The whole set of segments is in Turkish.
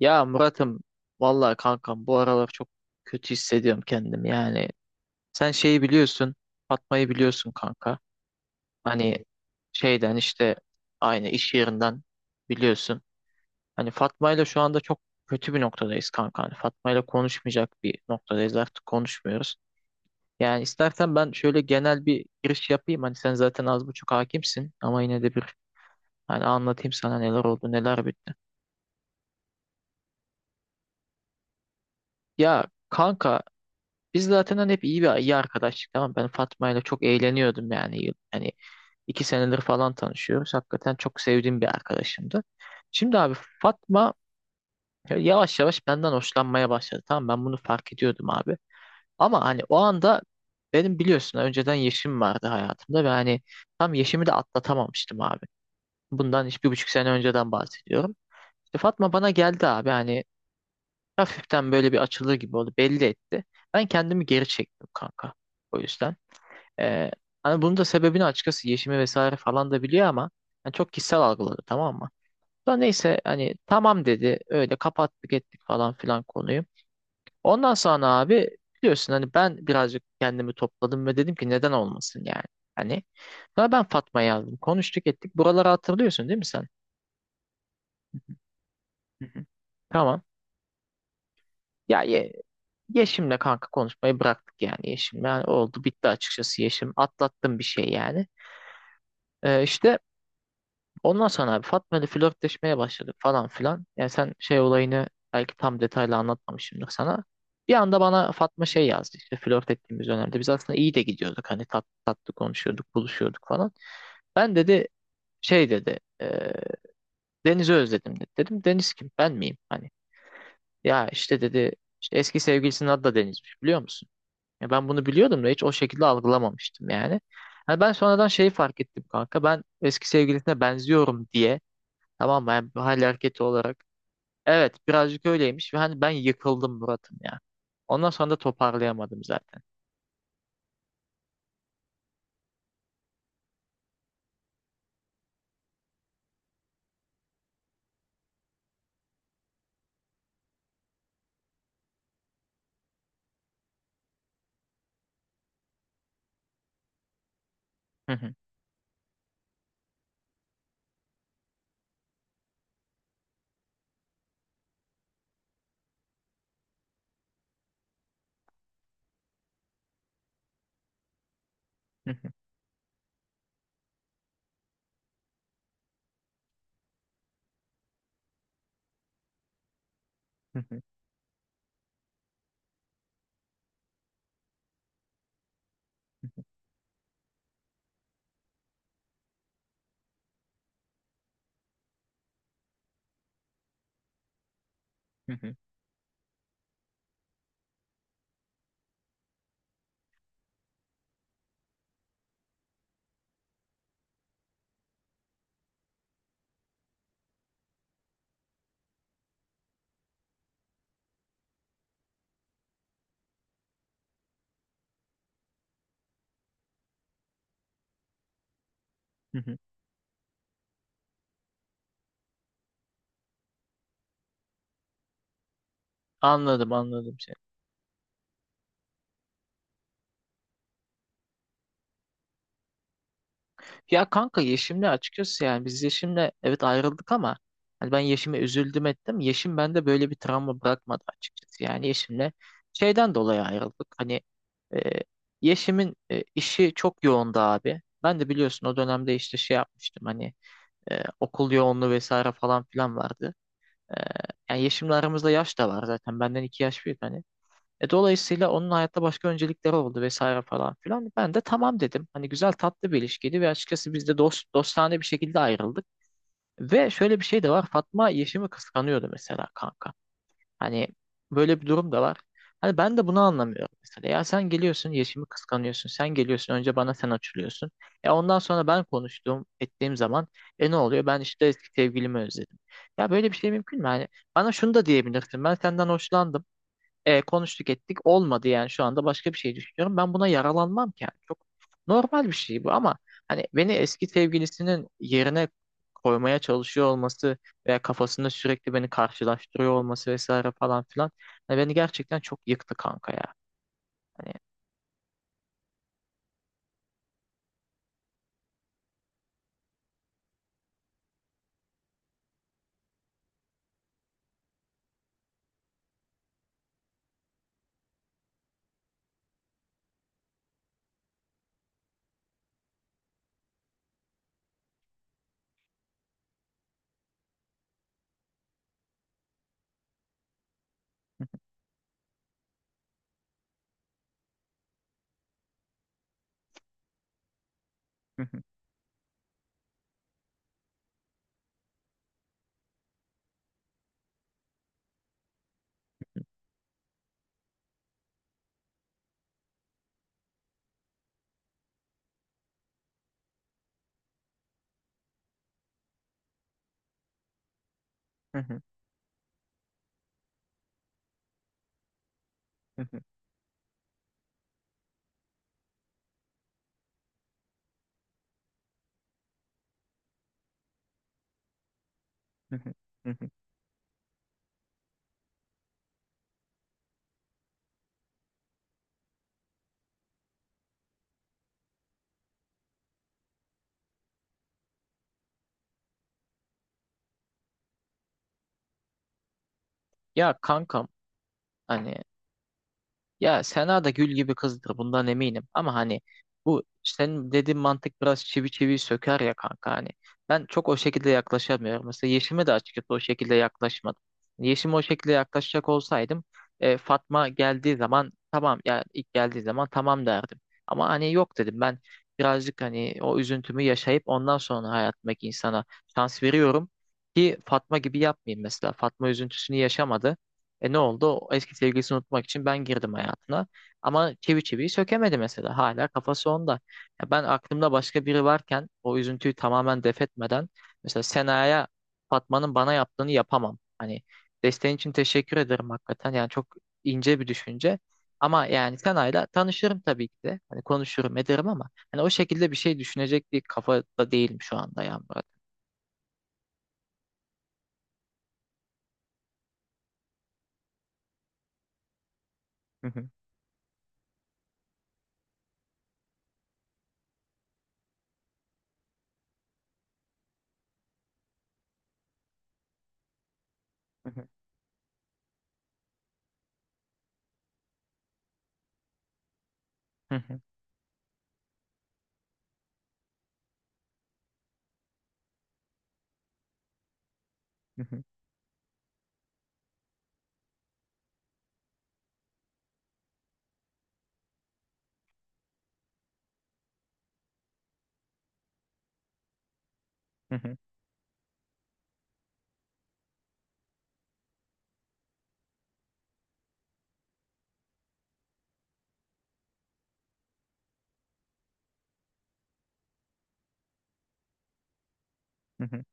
Ya Murat'ım, vallahi kankam bu aralar çok kötü hissediyorum kendimi yani. Sen şeyi biliyorsun, Fatma'yı biliyorsun kanka. Hani şeyden işte aynı iş yerinden biliyorsun. Hani Fatma'yla şu anda çok kötü bir noktadayız kanka. Hani Fatma'yla konuşmayacak bir noktadayız, artık konuşmuyoruz. Yani istersen ben şöyle genel bir giriş yapayım. Hani sen zaten az buçuk hakimsin ama yine de bir hani anlatayım sana neler oldu neler bitti. Ya kanka, biz zaten hani hep iyi bir iyi arkadaştık, tamam mı? Ben Fatma ile çok eğleniyordum yani hani 2 senedir falan tanışıyoruz, hakikaten çok sevdiğim bir arkadaşımdı. Şimdi abi, Fatma yavaş yavaş benden hoşlanmaya başladı, tamam, ben bunu fark ediyordum abi, ama hani o anda benim biliyorsun önceden Yeşim vardı hayatımda ve hani tam Yeşim'i de atlatamamıştım abi, bundan işte 1,5 sene önceden bahsediyorum. İşte Fatma bana geldi abi, hani hafiften böyle bir açılır gibi oldu, belli etti, ben kendimi geri çektim kanka, o yüzden. Ee, Hani bunun da sebebini açıkçası Yeşim'i vesaire falan da biliyor ama yani çok kişisel algıladı, tamam mı? Sonra neyse hani tamam dedi, öyle kapattık ettik falan filan konuyu. Ondan sonra abi biliyorsun hani ben birazcık kendimi topladım ve dedim ki neden olmasın yani. Hani sonra ben Fatma yazdım, konuştuk ettik, buraları hatırlıyorsun değil mi sen? Hı hı. Tamam. Ya ye, Yeşim'le kanka konuşmayı bıraktık yani Yeşim'le. Yani oldu bitti açıkçası Yeşim. Atlattım bir şey yani. Ee, işte Ondan sonra abi Fatma ile flörtleşmeye başladık falan filan. Yani sen şey olayını belki tam detaylı anlatmamışımdır sana. Bir anda bana Fatma şey yazdı, işte flört ettiğimiz dönemde. Biz aslında iyi de gidiyorduk, hani tatlı tatlı konuşuyorduk, buluşuyorduk falan. Ben dedi, şey dedi, Deniz'i özledim dedi. Dedim Deniz kim, ben miyim? Hani ya işte dedi, işte eski sevgilisinin adı da Deniz'miş, biliyor musun? Ya ben bunu biliyordum da hiç o şekilde algılamamıştım yani. Hani ben sonradan şeyi fark ettim kanka, ben eski sevgilisine benziyorum diye. Tamam mı? Yani hal hareketi olarak. Evet birazcık öyleymiş, ve hani ben yıkıldım Murat'ım ya. Ondan sonra da toparlayamadım zaten. Hı hı, hı hı, hı hı, hı hı, hı hı. Anladım, anladım seni. Ya kanka Yeşim'le açıkçası yani biz Yeşim'le evet ayrıldık ama hani ben Yeşim'e üzüldüm ettim. Yeşim bende böyle bir travma bırakmadı açıkçası. Yani Yeşim'le şeyden dolayı ayrıldık. Hani e, Yeşim'in işi çok yoğundu abi. Ben de biliyorsun o dönemde işte şey yapmıştım hani. Okul yoğunluğu vesaire falan filan vardı. E, Yani yeşimle aramızda yaş da var zaten. Benden 2 yaş büyük hani. Dolayısıyla onun hayatta başka öncelikleri oldu vesaire falan filan. Ben de tamam dedim. Hani güzel tatlı bir ilişkiydi ve açıkçası biz de dostane bir şekilde ayrıldık. Ve şöyle bir şey de var. Fatma Yeşim'i kıskanıyordu mesela kanka. Hani böyle bir durum da var. Hani ben de bunu anlamıyorum mesela. Ya sen geliyorsun, Yeşim'i kıskanıyorsun. Sen geliyorsun, önce bana sen açılıyorsun. E ondan sonra ben konuştuğum, ettiğim zaman e ne oluyor? Ben işte eski sevgilimi özledim. Ya böyle bir şey mümkün mü? Hani bana şunu da diyebilirsin. Ben senden hoşlandım. Konuştuk ettik olmadı yani şu anda başka bir şey düşünüyorum. Ben buna yaralanmam ki yani. Çok normal bir şey bu ama hani beni eski sevgilisinin yerine koymaya çalışıyor olması veya kafasında sürekli beni karşılaştırıyor olması vesaire falan filan, hani beni gerçekten çok yıktı kanka ya. Hani, ya kankam, hani ya Sena da gül gibi kızdır bundan eminim ama hani bu senin dediğin mantık biraz çivi çivi söker ya kanka, hani ben çok o şekilde yaklaşamıyorum. Mesela Yeşim'e de açıkçası o şekilde yaklaşmadım. Yeşim'e o şekilde yaklaşacak olsaydım, Fatma geldiği zaman tamam, ya ilk geldiği zaman tamam derdim. Ama hani yok dedim, ben birazcık hani o üzüntümü yaşayıp ondan sonra hayatımdaki insana şans veriyorum, ki Fatma gibi yapmayayım mesela. Fatma üzüntüsünü yaşamadı. E ne oldu? O eski sevgilisini unutmak için ben girdim hayatına. Ama çivi çiviyi sökemedi mesela. Hala kafası onda. Ya ben aklımda başka biri varken o üzüntüyü tamamen def etmeden mesela Sena'ya Fatma'nın bana yaptığını yapamam. Hani desteğin için teşekkür ederim hakikaten. Yani çok ince bir düşünce. Ama yani Sena'yla tanışırım tabii ki de. Hani konuşurum ederim ama hani o şekilde bir şey düşünecek bir kafada değilim şu anda ya Murat. Hı hı, hı hı, hı hı, hı hı, hı hı, hı hı.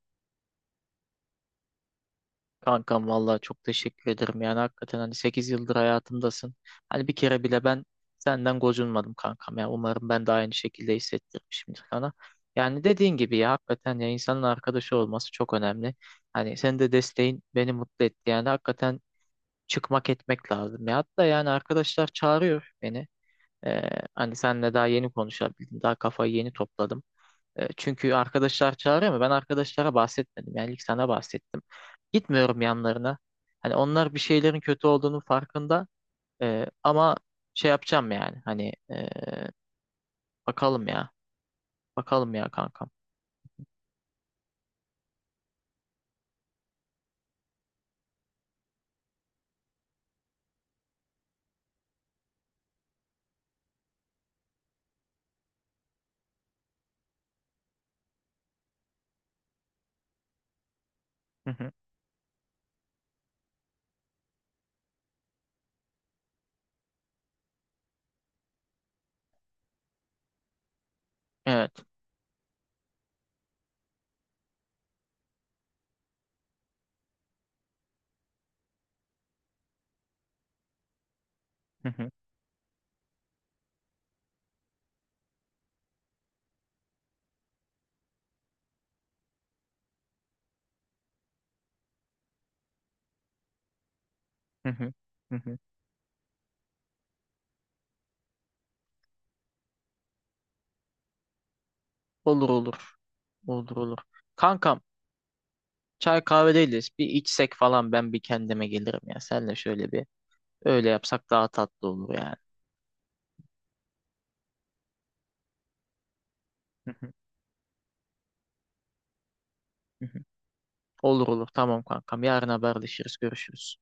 Kankam vallahi çok teşekkür ederim. Yani hakikaten hani 8 yıldır hayatımdasın. Hani bir kere bile ben senden gocunmadım kankam. Yani umarım ben de aynı şekilde hissettirmişimdir sana. Yani dediğin gibi ya, hakikaten ya, insanın arkadaşı olması çok önemli. Hani senin de desteğin beni mutlu etti. Yani hakikaten çıkmak etmek lazım. Ya hatta yani arkadaşlar çağırıyor beni. Ee, Hani senle daha yeni konuşabildim. Daha kafayı yeni topladım. Çünkü arkadaşlar çağırıyor ama ben arkadaşlara bahsetmedim. Yani ilk sana bahsettim. Gitmiyorum yanlarına. Hani onlar bir şeylerin kötü olduğunun farkında. Ama şey yapacağım yani. Hani bakalım ya. Bakalım ya kankam. Hı hı. Evet. Hı hı. Hı hı. Hı hı. Olur olur. Olur olur. Kankam, çay kahve değiliz. Bir içsek falan ben bir kendime gelirim ya. Senle şöyle bir öyle yapsak daha tatlı olur yani. Hı hı, hı hı. Olur olur, tamam kankam. Yarın haberleşiriz. Görüşürüz.